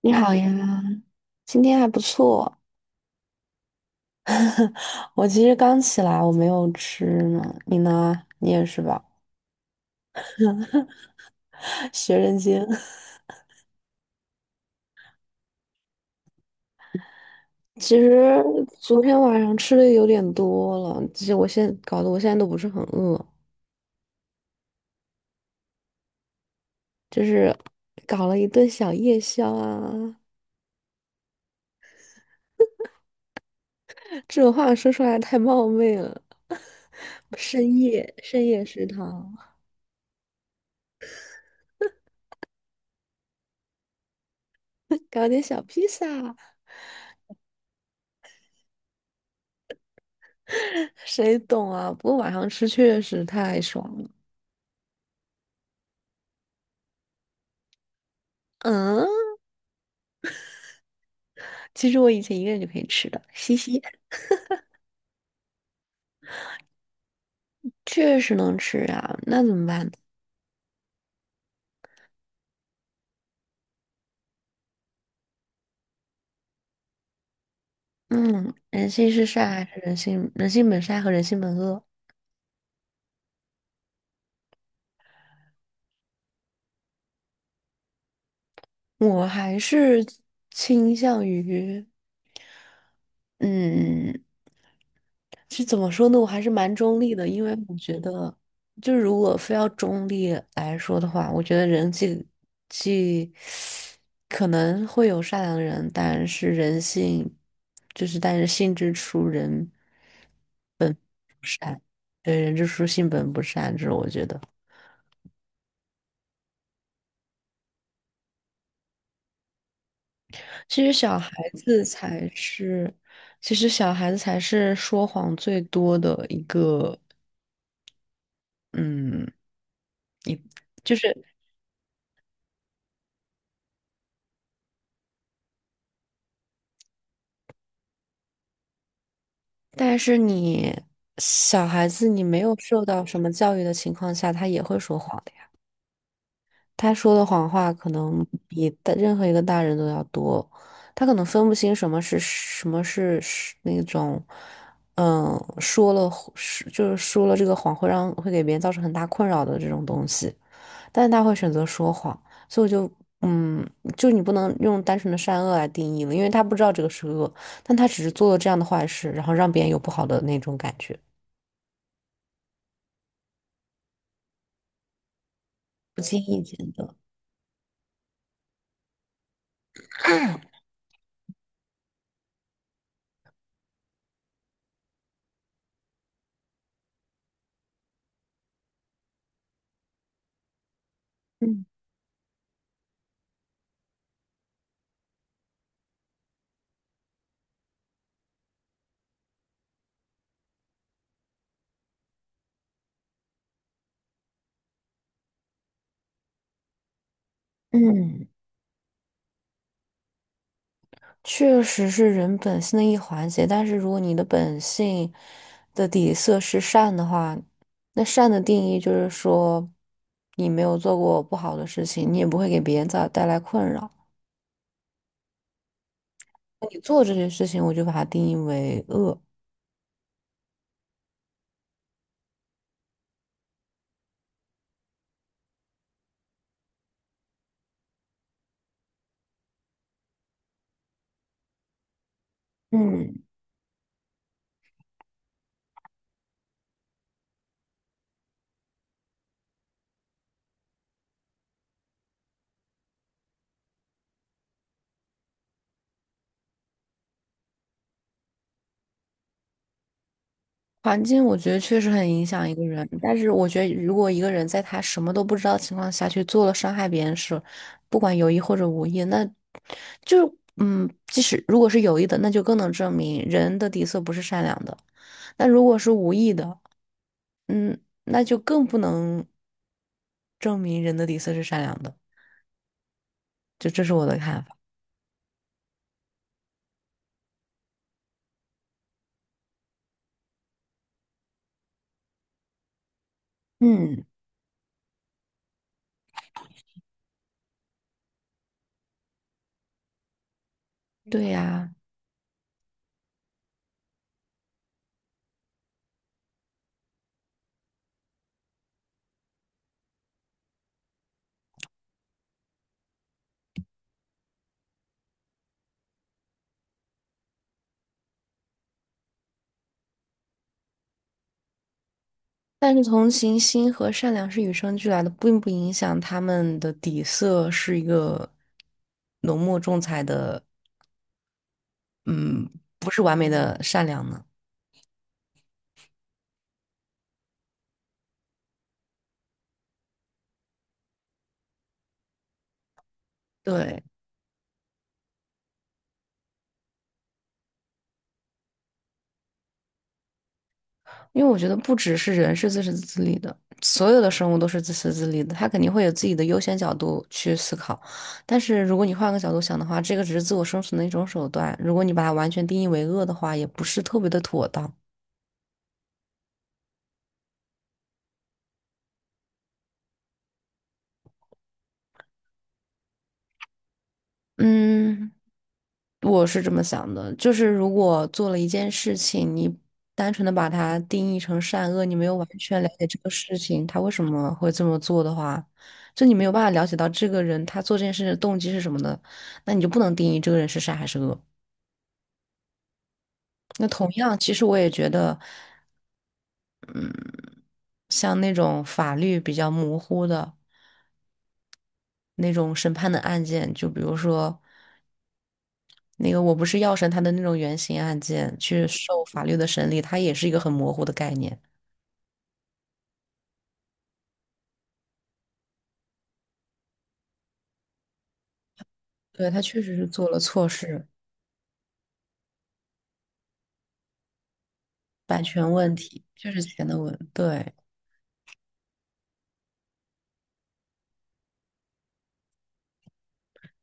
你好呀，今天还不错。我其实刚起来，我没有吃呢。你呢？你也是吧？学人精。其实昨天晚上吃的有点多了，其实我现在都不是很饿，就是搞了一顿小夜宵啊。这种话说出来太冒昧了，深夜食堂，搞点小披萨，谁懂啊？不过晚上吃确实太爽了。嗯。其实我以前一个人就可以吃的，嘻嘻，确实能吃啊，那怎么办呢？嗯，人性是善还是人性？人性本善和人性本恶，我还是倾向于，嗯，是怎么说呢？我还是蛮中立的，因为我觉得，就如果非要中立来说的话，我觉得人既可能会有善良的人，但是人性就是，但是性之初人，对，人之初性本不善，这是我觉得。其实小孩子才是，其实小孩子才是说谎最多的一个，嗯，一就是，但是你小孩子你没有受到什么教育的情况下，他也会说谎的呀。他说的谎话可能比大任何一个大人都要多，他可能分不清什么是那种，嗯，说了是就是说了这个谎会给别人造成很大困扰的这种东西。但是他会选择说谎，所以我就，嗯，就你不能用单纯的善恶来定义了，因为他不知道这个是恶，但他只是做了这样的坏事，然后让别人有不好的那种感觉。嗯。嗯，确实是人本性的一环节，但是如果你的本性的底色是善的话，那善的定义就是说，你没有做过不好的事情，你也不会给别人造带来困扰。你做这件事情，我就把它定义为恶。嗯，环境我觉得确实很影响一个人，但是我觉得如果一个人在他什么都不知道的情况下去做了伤害别人的事，不管有意或者无意，就嗯，即使如果是有意的，那就更能证明人的底色不是善良的；那如果是无意的，嗯，那就更不能证明人的底色是善良的。就这是我的看法。嗯，对呀、但是同情心和善良是与生俱来的，并不影响他们的底色是一个浓墨重彩的，嗯，不是完美的善良呢。对，因为我觉得不只是人是自私自利的，所有的生物都是自私自利的，它肯定会有自己的优先角度去思考。但是如果你换个角度想的话，这个只是自我生存的一种手段，如果你把它完全定义为恶的话，也不是特别的妥当。嗯。我是这么想的，就是如果做了一件事情，你单纯的把它定义成善恶，你没有完全了解这个事情他为什么会这么做的话，就你没有办法了解到这个人他做这件事的动机是什么的，那你就不能定义这个人是善还是恶。那同样，其实我也觉得，像那种法律比较模糊的那种审判的案件，就比如说那个我不是药神他的那种原型案件，去受法律的审理，它也是一个很模糊的概念。对，他确实是做了错事，版权问题确实钱的问，对，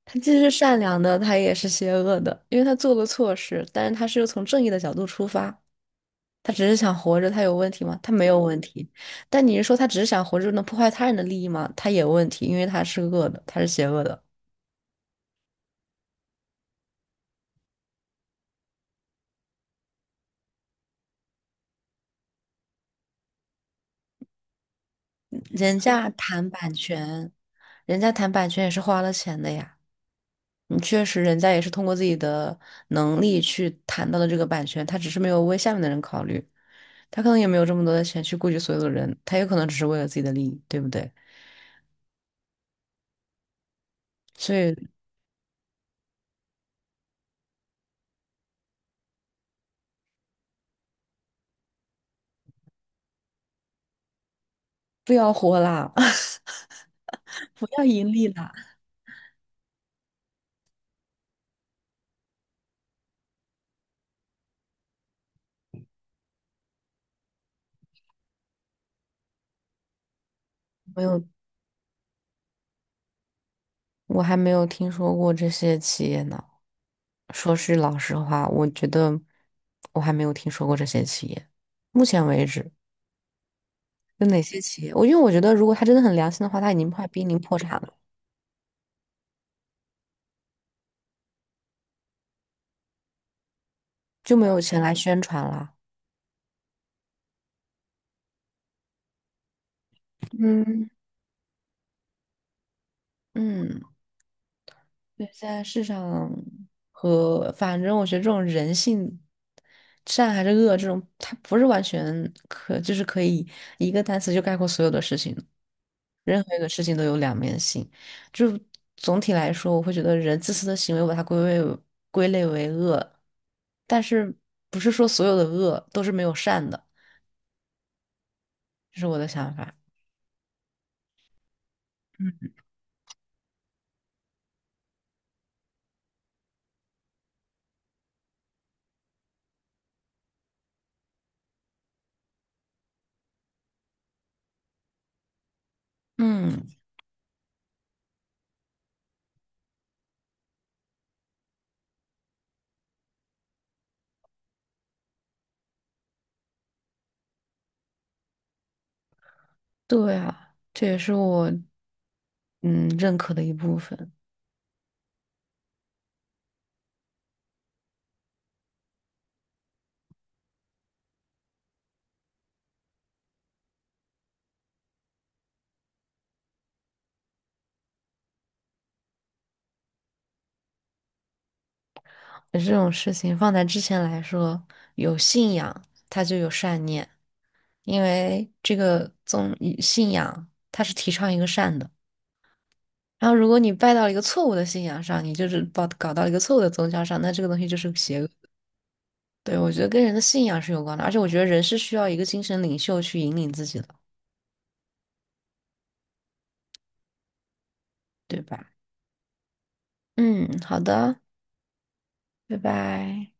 他既是善良的，他也是邪恶的，因为他做了错事，但是他是从正义的角度出发，他只是想活着，他有问题吗？他没有问题。但你是说他只是想活着能破坏他人的利益吗？他也有问题，因为他是恶的，他是邪恶的。人家谈版权，人家谈版权也是花了钱的呀。嗯，确实，人家也是通过自己的能力去谈到的这个版权，他只是没有为下面的人考虑，他可能也没有这么多的钱去顾及所有的人，他有可能只是为了自己的利益，对不对？所以不要活啦，不要盈利啦。没有，我还没有听说过这些企业呢。说是老实话，我觉得我还没有听说过这些企业，目前为止。有哪些企业？我因为我觉得，如果他真的很良心的话，他已经快濒临破产了，就没有钱来宣传了。嗯，嗯，对，现在市场和反正我觉得这种人性，善还是恶，这种它不是完全可，就是可以一个单词就概括所有的事情。任何一个事情都有两面性，就总体来说，我会觉得人自私的行为，我把它为归类为恶，但是不是说所有的恶都是没有善的，这是我的想法。嗯。嗯，对啊，这也是我嗯认可的一部分。这种事情放在之前来说，有信仰，它就有善念，因为这个宗信仰它是提倡一个善的。然后，如果你拜到了一个错误的信仰上，你就是搞到一个错误的宗教上，那这个东西就是邪恶。对，我觉得跟人的信仰是有关的，而且我觉得人是需要一个精神领袖去引领自己的，对吧？嗯，好的，拜拜。